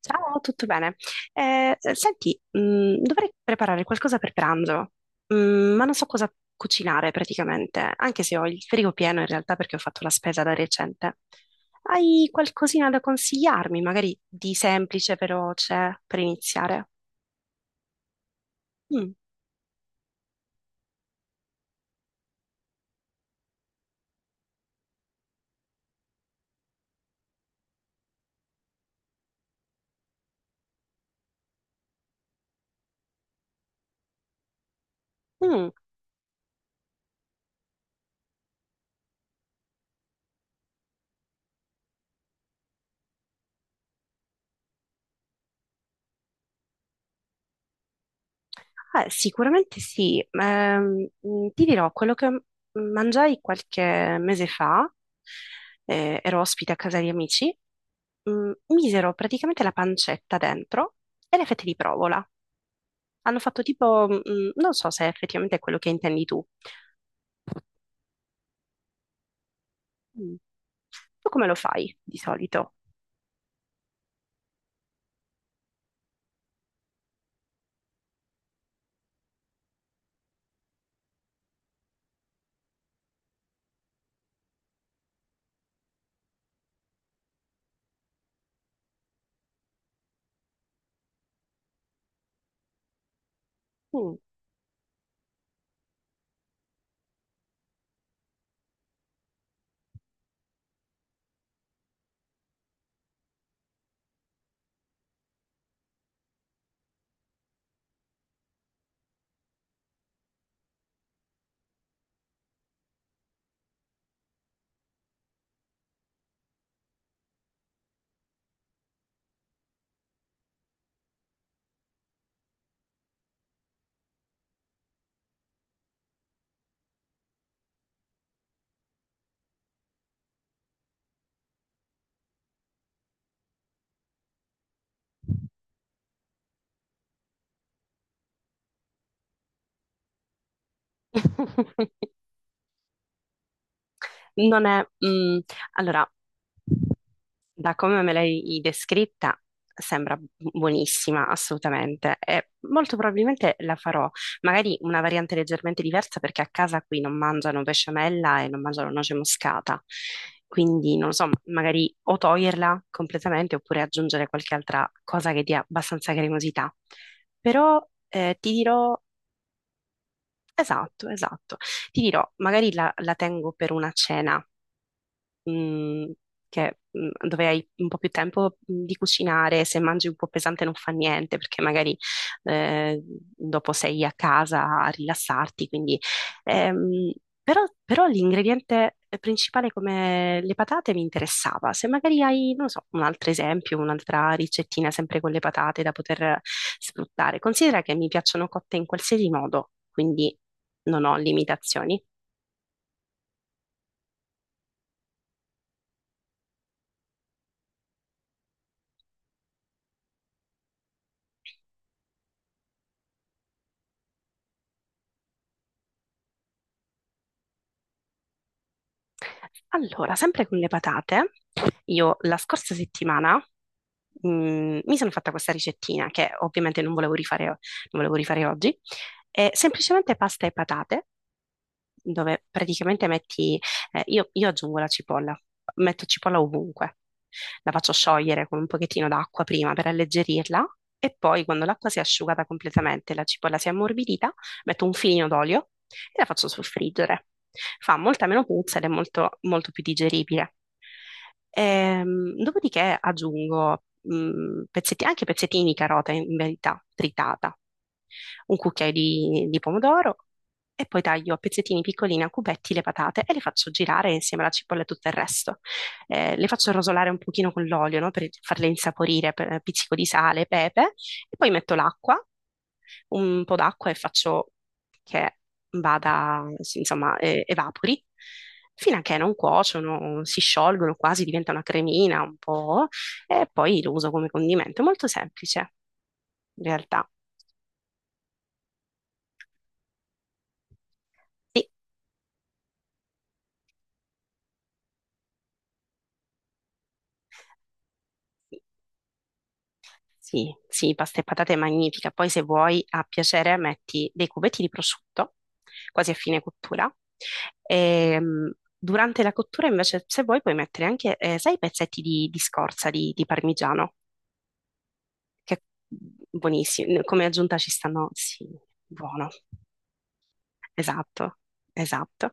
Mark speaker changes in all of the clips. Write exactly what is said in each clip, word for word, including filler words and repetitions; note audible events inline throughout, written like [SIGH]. Speaker 1: Ciao, tutto bene? Eh, senti, mh, dovrei preparare qualcosa per pranzo, mh, ma non so cosa cucinare praticamente, anche se ho il frigo pieno in realtà perché ho fatto la spesa da recente. Hai qualcosina da consigliarmi, magari di semplice, veloce, per iniziare? Mm, mm. Eh, sicuramente sì. Ehm, mh, ti dirò, quello che m- mangiai qualche mese fa, eh, ero ospite a casa di amici, mh, misero praticamente la pancetta dentro e le fette di provola. Hanno fatto tipo, mh, non so se effettivamente è effettivamente quello che intendi tu. Mm. Tu come lo fai di solito? Mm. [LAUGHS] Non è... mm, allora, da come me l'hai descritta, sembra buonissima, assolutamente. E molto probabilmente la farò, magari una variante leggermente diversa, perché a casa qui non mangiano besciamella e non mangiano noce moscata. Quindi, non lo so, magari o toglierla completamente oppure aggiungere qualche altra cosa che dia abbastanza cremosità. Però eh, ti dirò, esatto, esatto, ti dirò, magari la la tengo per una cena mh, che mh, dove hai un po' più tempo mh, di cucinare, se mangi un po' pesante non fa niente, perché magari eh, dopo sei a casa a rilassarti, quindi ehm, però, però l'ingrediente principale come le patate mi interessava. Se magari hai, non so, un altro esempio, un'altra ricettina sempre con le patate da poter sfruttare. Considera che mi piacciono cotte in qualsiasi modo, quindi non ho limitazioni. Allora, sempre con le patate, io la scorsa settimana mm, mi sono fatta questa ricettina che ovviamente non volevo rifare, non volevo rifare oggi, è semplicemente pasta e patate dove praticamente metti, eh, io, io aggiungo la cipolla, metto cipolla ovunque, la faccio sciogliere con un pochettino d'acqua prima per alleggerirla e poi quando l'acqua si è asciugata completamente e la cipolla si è ammorbidita, metto un filino d'olio e la faccio soffriggere. Fa molta meno puzza ed è molto, molto più digeribile. Ehm, dopodiché aggiungo mh, pezzetti- anche pezzettini di carota in verità tritata, un cucchiaio di di pomodoro e poi taglio a pezzettini piccolini, a cubetti, le patate e le faccio girare insieme alla cipolla e tutto il resto. Eh, le faccio rosolare un pochino con l'olio, no? Per farle insaporire, per eh, pizzico di sale, pepe, e poi metto l'acqua, un po' d'acqua e faccio che vada, sì, insomma, eh, evapori. Fino a che non cuociono, si sciolgono quasi, diventa una cremina un po', e poi lo uso come condimento. È molto semplice, in realtà. Sì. Sì, sì, pasta e patate è magnifica. Poi se vuoi, a piacere, metti dei cubetti di prosciutto, quasi a fine cottura. Ehm, durante la cottura, invece, se vuoi, puoi mettere anche, eh, sai, i pezzetti di, di scorza di, di parmigiano, che è buonissimo. Come aggiunta ci stanno, sì, buono. Esatto, esatto.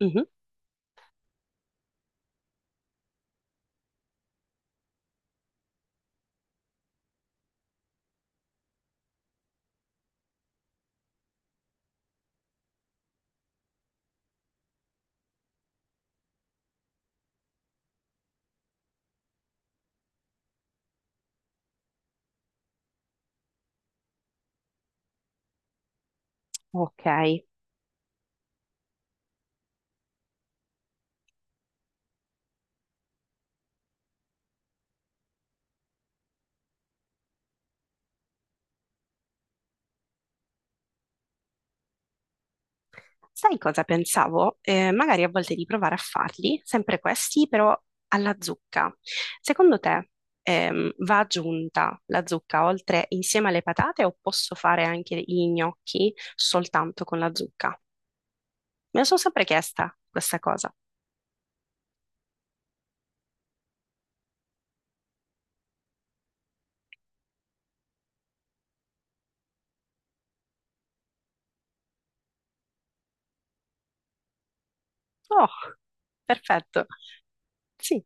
Speaker 1: Mhm. Ok, sai cosa pensavo? Eh, magari a volte di provare a farli, sempre questi, però alla zucca. Secondo te, ehm, va aggiunta la zucca oltre insieme alle patate o posso fare anche gli gnocchi soltanto con la zucca? Me lo sono sempre chiesta questa cosa. Oh, perfetto. Sì,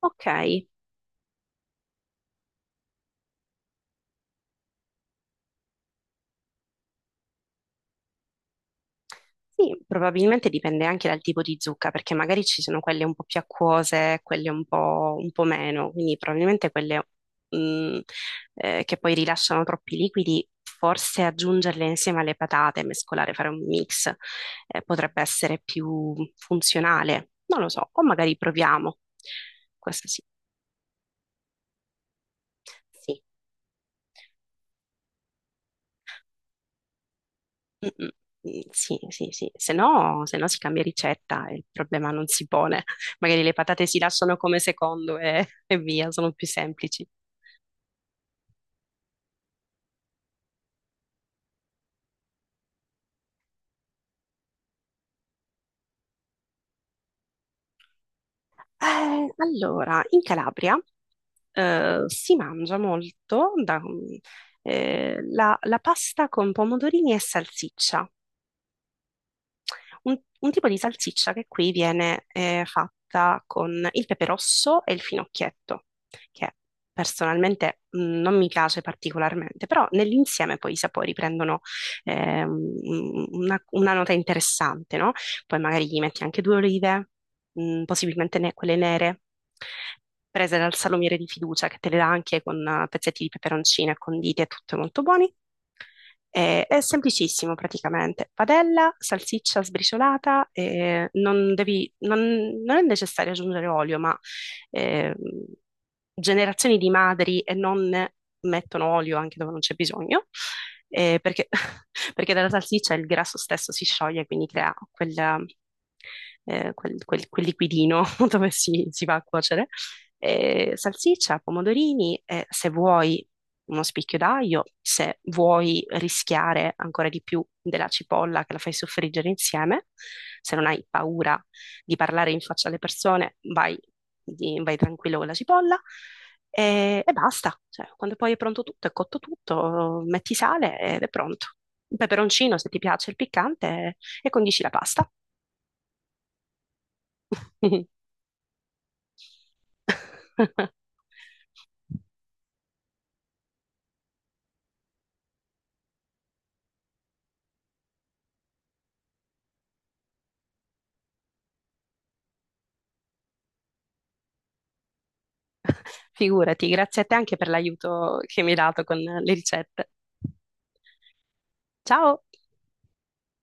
Speaker 1: ok. Sì, probabilmente dipende anche dal tipo di zucca, perché magari ci sono quelle un po' più acquose, quelle un po', un po' meno, quindi probabilmente quelle mh, eh, che poi rilasciano troppi liquidi, forse aggiungerle insieme alle patate, mescolare, fare un mix, eh, potrebbe essere più funzionale, non lo so, o magari proviamo. Questo sì. Sì. Mm, mm, sì, sì, sì, se no, se no si cambia ricetta e il problema non si pone. Magari le patate si lasciano come secondo e, e via, sono più semplici. Eh, allora, in Calabria eh, si mangia molto da- mm, eh, la, la pasta con pomodorini e salsiccia. un, un tipo di salsiccia che qui viene eh, fatta con il pepe rosso e il finocchietto, che personalmente mh, non mi piace particolarmente, però nell'insieme poi i sapori prendono eh, un- una, una nota interessante, no? Poi magari gli metti anche due olive, mh, possibilmente ne- quelle nere, prese dal salumiere di fiducia che te le dà anche con eh, pezzetti di peperoncino e conditi e tutto è molto buoni. Eh, è semplicissimo praticamente. Padella, salsiccia sbriciolata, eh, non devi- non- non è necessario aggiungere olio, ma eh, generazioni di madri e nonne mettono olio anche dove non c'è bisogno, eh, perché, [LAUGHS] perché dalla salsiccia il grasso stesso si scioglie, quindi crea quel, eh, quel- quel- quel liquidino [LAUGHS] dove si, si va a cuocere eh, salsiccia, pomodorini, eh, se vuoi uno spicchio d'aglio, se vuoi rischiare ancora di più della cipolla che la fai soffriggere insieme, se non hai paura di parlare in faccia alle persone, vai, di- vai tranquillo con la cipolla e, e basta. Cioè, quando poi è pronto tutto, è cotto tutto, metti sale ed è pronto. Un peperoncino, se ti piace il piccante, e condisci la pasta. [LAUGHS] [LAUGHS] Figurati, grazie a te anche per l'aiuto che mi hai dato con le ricette. Ciao!